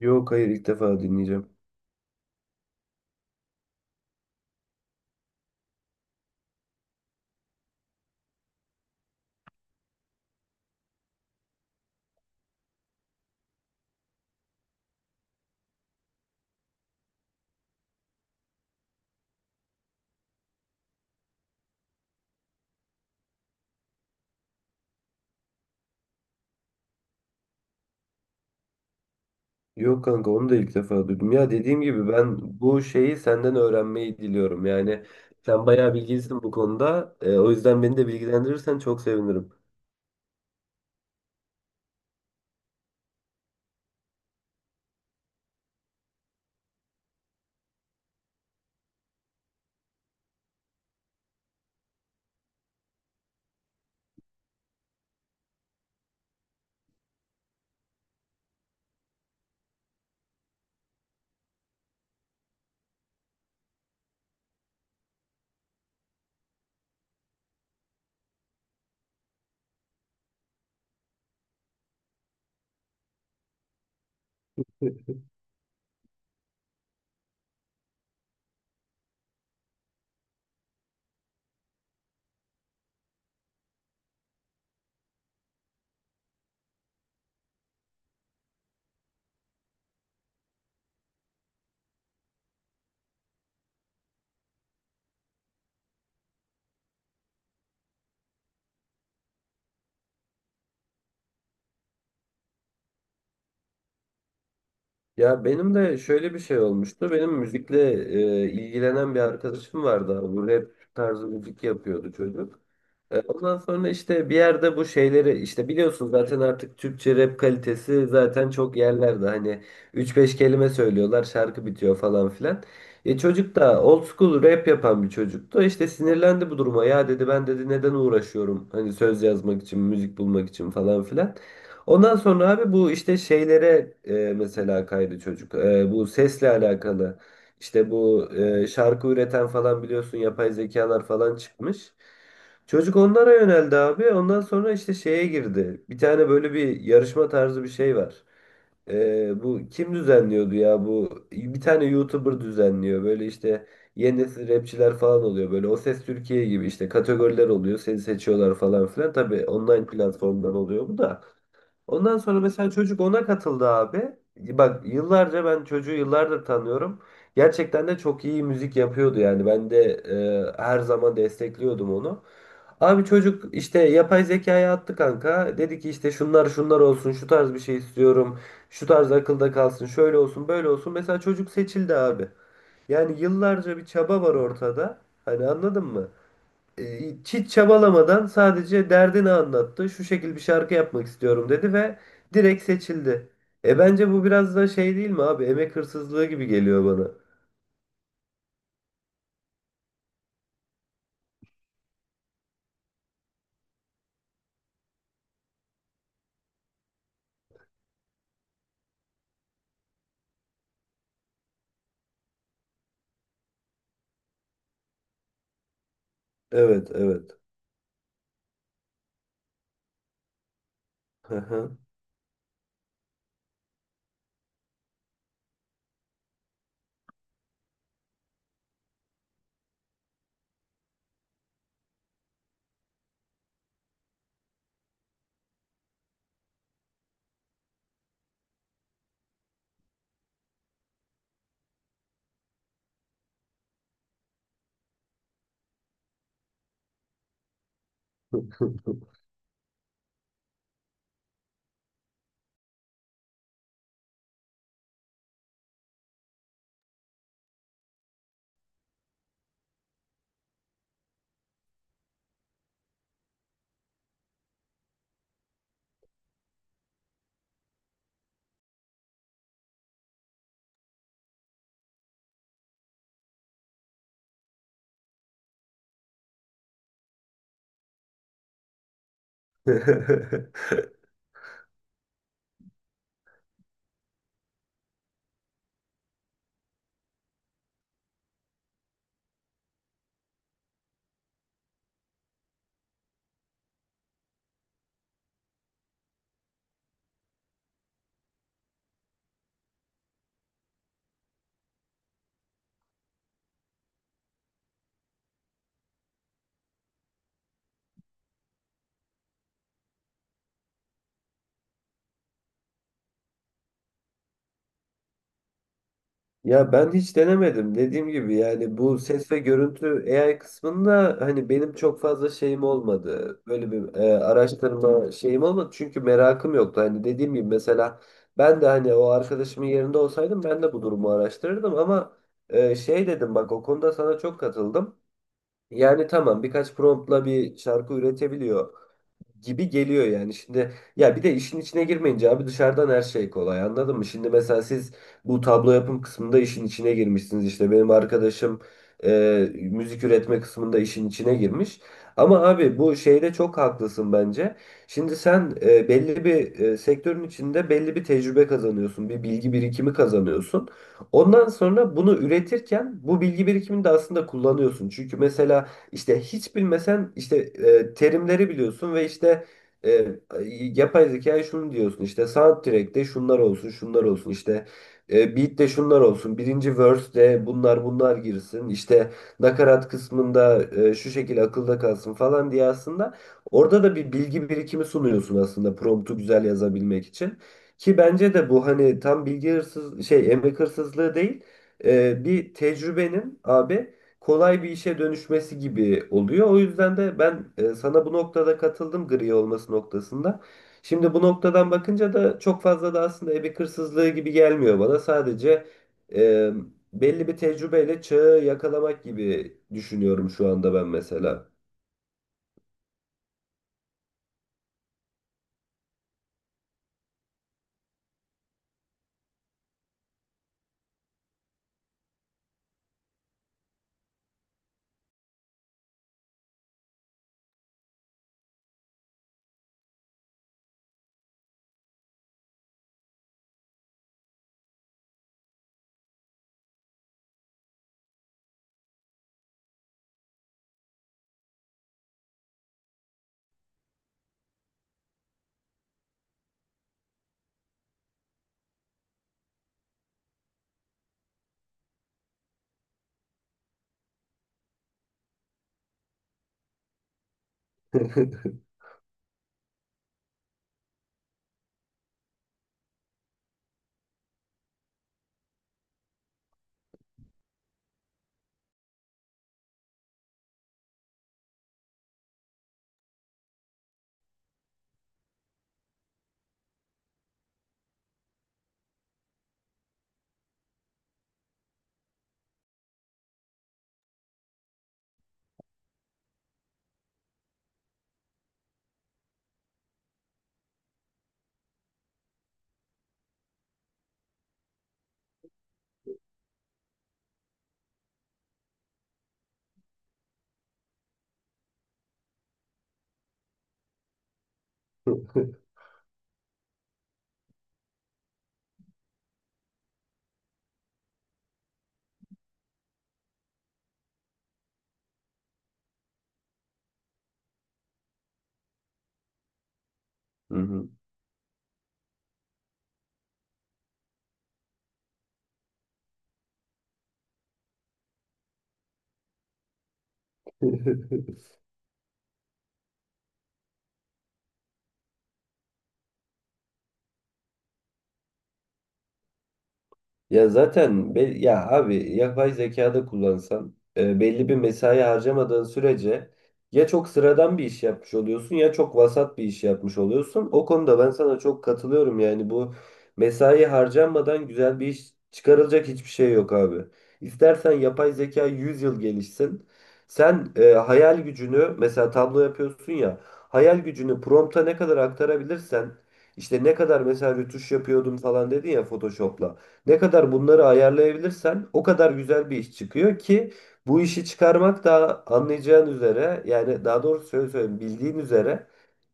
Yok, hayır, ilk defa dinleyeceğim. Yok kanka, onu da ilk defa duydum. Ya dediğim gibi ben bu şeyi senden öğrenmeyi diliyorum. Yani sen bayağı bilgilisin bu konuda. O yüzden beni de bilgilendirirsen çok sevinirim. Ya benim de şöyle bir şey olmuştu. Benim müzikle ilgilenen bir arkadaşım vardı abi. Bu rap tarzı müzik yapıyordu çocuk. Ondan sonra işte bir yerde bu şeyleri işte biliyorsun zaten, artık Türkçe rap kalitesi zaten çok yerlerde. Hani üç beş kelime söylüyorlar, şarkı bitiyor falan filan. Çocuk da old school rap yapan bir çocuktu. İşte sinirlendi bu duruma. Ya dedi ben, dedi, neden uğraşıyorum hani söz yazmak için, müzik bulmak için falan filan. Ondan sonra abi bu işte şeylere mesela kaydı çocuk. E, bu sesle alakalı. İşte bu şarkı üreten falan biliyorsun yapay zekalar falan çıkmış. Çocuk onlara yöneldi abi. Ondan sonra işte şeye girdi. Bir tane böyle bir yarışma tarzı bir şey var. E, bu kim düzenliyordu ya bu? Bir tane YouTuber düzenliyor. Böyle işte yeni nesil rapçiler falan oluyor. Böyle O Ses Türkiye gibi işte kategoriler oluyor. Seni seçiyorlar falan filan. Tabii online platformdan oluyor bu da. Ondan sonra mesela çocuk ona katıldı abi. Bak yıllarca, ben çocuğu yıllardır tanıyorum. Gerçekten de çok iyi müzik yapıyordu yani. Ben de her zaman destekliyordum onu. Abi çocuk işte yapay zekaya attı kanka. Dedi ki işte şunlar şunlar olsun, şu tarz bir şey istiyorum. Şu tarz akılda kalsın, şöyle olsun, böyle olsun. Mesela çocuk seçildi abi. Yani yıllarca bir çaba var ortada. Hani anladın mı? Hiç çabalamadan sadece derdini anlattı. Şu şekil bir şarkı yapmak istiyorum dedi ve direkt seçildi. E, bence bu biraz da şey değil mi abi? Emek hırsızlığı gibi geliyor bana. Evet, evet. Hı hı. Ya ben hiç denemedim. Dediğim gibi yani bu ses ve görüntü AI kısmında hani benim çok fazla şeyim olmadı. Böyle bir araştırma şeyim olmadı. Çünkü merakım yoktu. Hani dediğim gibi mesela ben de hani o arkadaşımın yerinde olsaydım ben de bu durumu araştırırdım, ama şey dedim, bak o konuda sana çok katıldım. Yani tamam, birkaç promptla bir şarkı üretebiliyor gibi geliyor yani. Şimdi ya bir de işin içine girmeyince abi dışarıdan her şey kolay, anladın mı? Şimdi mesela siz bu tablo yapım kısmında işin içine girmişsiniz, işte benim arkadaşım müzik üretme kısmında işin içine girmiş. Ama abi bu şeyde çok haklısın bence. Şimdi sen belli bir sektörün içinde belli bir tecrübe kazanıyorsun, bir bilgi birikimi kazanıyorsun. Ondan sonra bunu üretirken bu bilgi birikimini de aslında kullanıyorsun. Çünkü mesela işte hiç bilmesen işte terimleri biliyorsun ve işte e, yapay zekaya şunu diyorsun, işte soundtrack'te şunlar olsun şunlar olsun, işte beat'te şunlar olsun, birinci verse'de bunlar bunlar girsin, işte nakarat kısmında şu şekilde akılda kalsın falan diye aslında orada da bir bilgi birikimi sunuyorsun aslında, promptu güzel yazabilmek için. Ki bence de bu hani tam bilgi hırsız şey, emek hırsızlığı değil, bir tecrübenin abi kolay bir işe dönüşmesi gibi oluyor. O yüzden de ben sana bu noktada katıldım, gri olması noktasında. Şimdi bu noktadan bakınca da çok fazla da aslında emek hırsızlığı gibi gelmiyor bana. Sadece e, belli bir tecrübeyle çağı yakalamak gibi düşünüyorum şu anda ben mesela. Hı hı. Ya zaten ya abi yapay zekada kullansan belli bir mesai harcamadığın sürece ya çok sıradan bir iş yapmış oluyorsun ya çok vasat bir iş yapmış oluyorsun. O konuda ben sana çok katılıyorum, yani bu mesai harcanmadan güzel bir iş çıkarılacak hiçbir şey yok abi. İstersen yapay zeka 100 yıl gelişsin. Sen hayal gücünü, mesela tablo yapıyorsun ya, hayal gücünü prompta ne kadar aktarabilirsen, işte ne kadar mesela rötuş yapıyordum falan dedin ya Photoshop'la. Ne kadar bunları ayarlayabilirsen o kadar güzel bir iş çıkıyor ki bu işi çıkarmak da anlayacağın üzere, yani daha doğrusu şöyle söyleyeyim, bildiğin üzere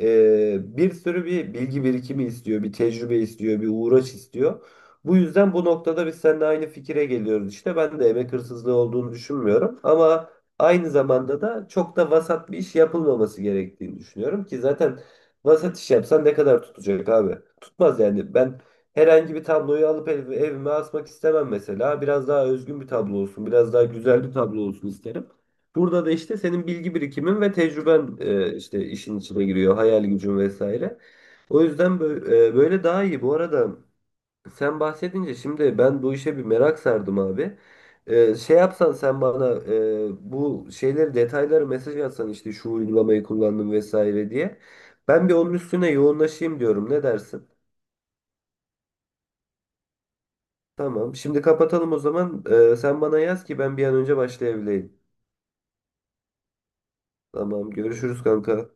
bir sürü bir bilgi birikimi istiyor, bir tecrübe istiyor, bir uğraş istiyor. Bu yüzden bu noktada biz seninle aynı fikire geliyoruz işte. Ben de emek hırsızlığı olduğunu düşünmüyorum, ama aynı zamanda da çok da vasat bir iş yapılmaması gerektiğini düşünüyorum ki zaten vasat iş yapsan ne kadar tutacak abi? Tutmaz yani ben herhangi bir tabloyu alıp evime asmak istemem mesela. Biraz daha özgün bir tablo olsun, biraz daha güzel bir tablo olsun isterim. Burada da işte senin bilgi birikimin ve tecrüben işte işin içine giriyor, hayal gücün vesaire. O yüzden böyle, böyle daha iyi. Bu arada sen bahsedince şimdi ben bu işe bir merak sardım abi. Şey yapsan sen bana bu şeyleri, detayları mesaj atsan, işte şu uygulamayı kullandım vesaire diye. Ben bir onun üstüne yoğunlaşayım diyorum. Ne dersin? Tamam. Şimdi kapatalım o zaman. Sen bana yaz ki ben bir an önce başlayabileyim. Tamam. Görüşürüz kanka.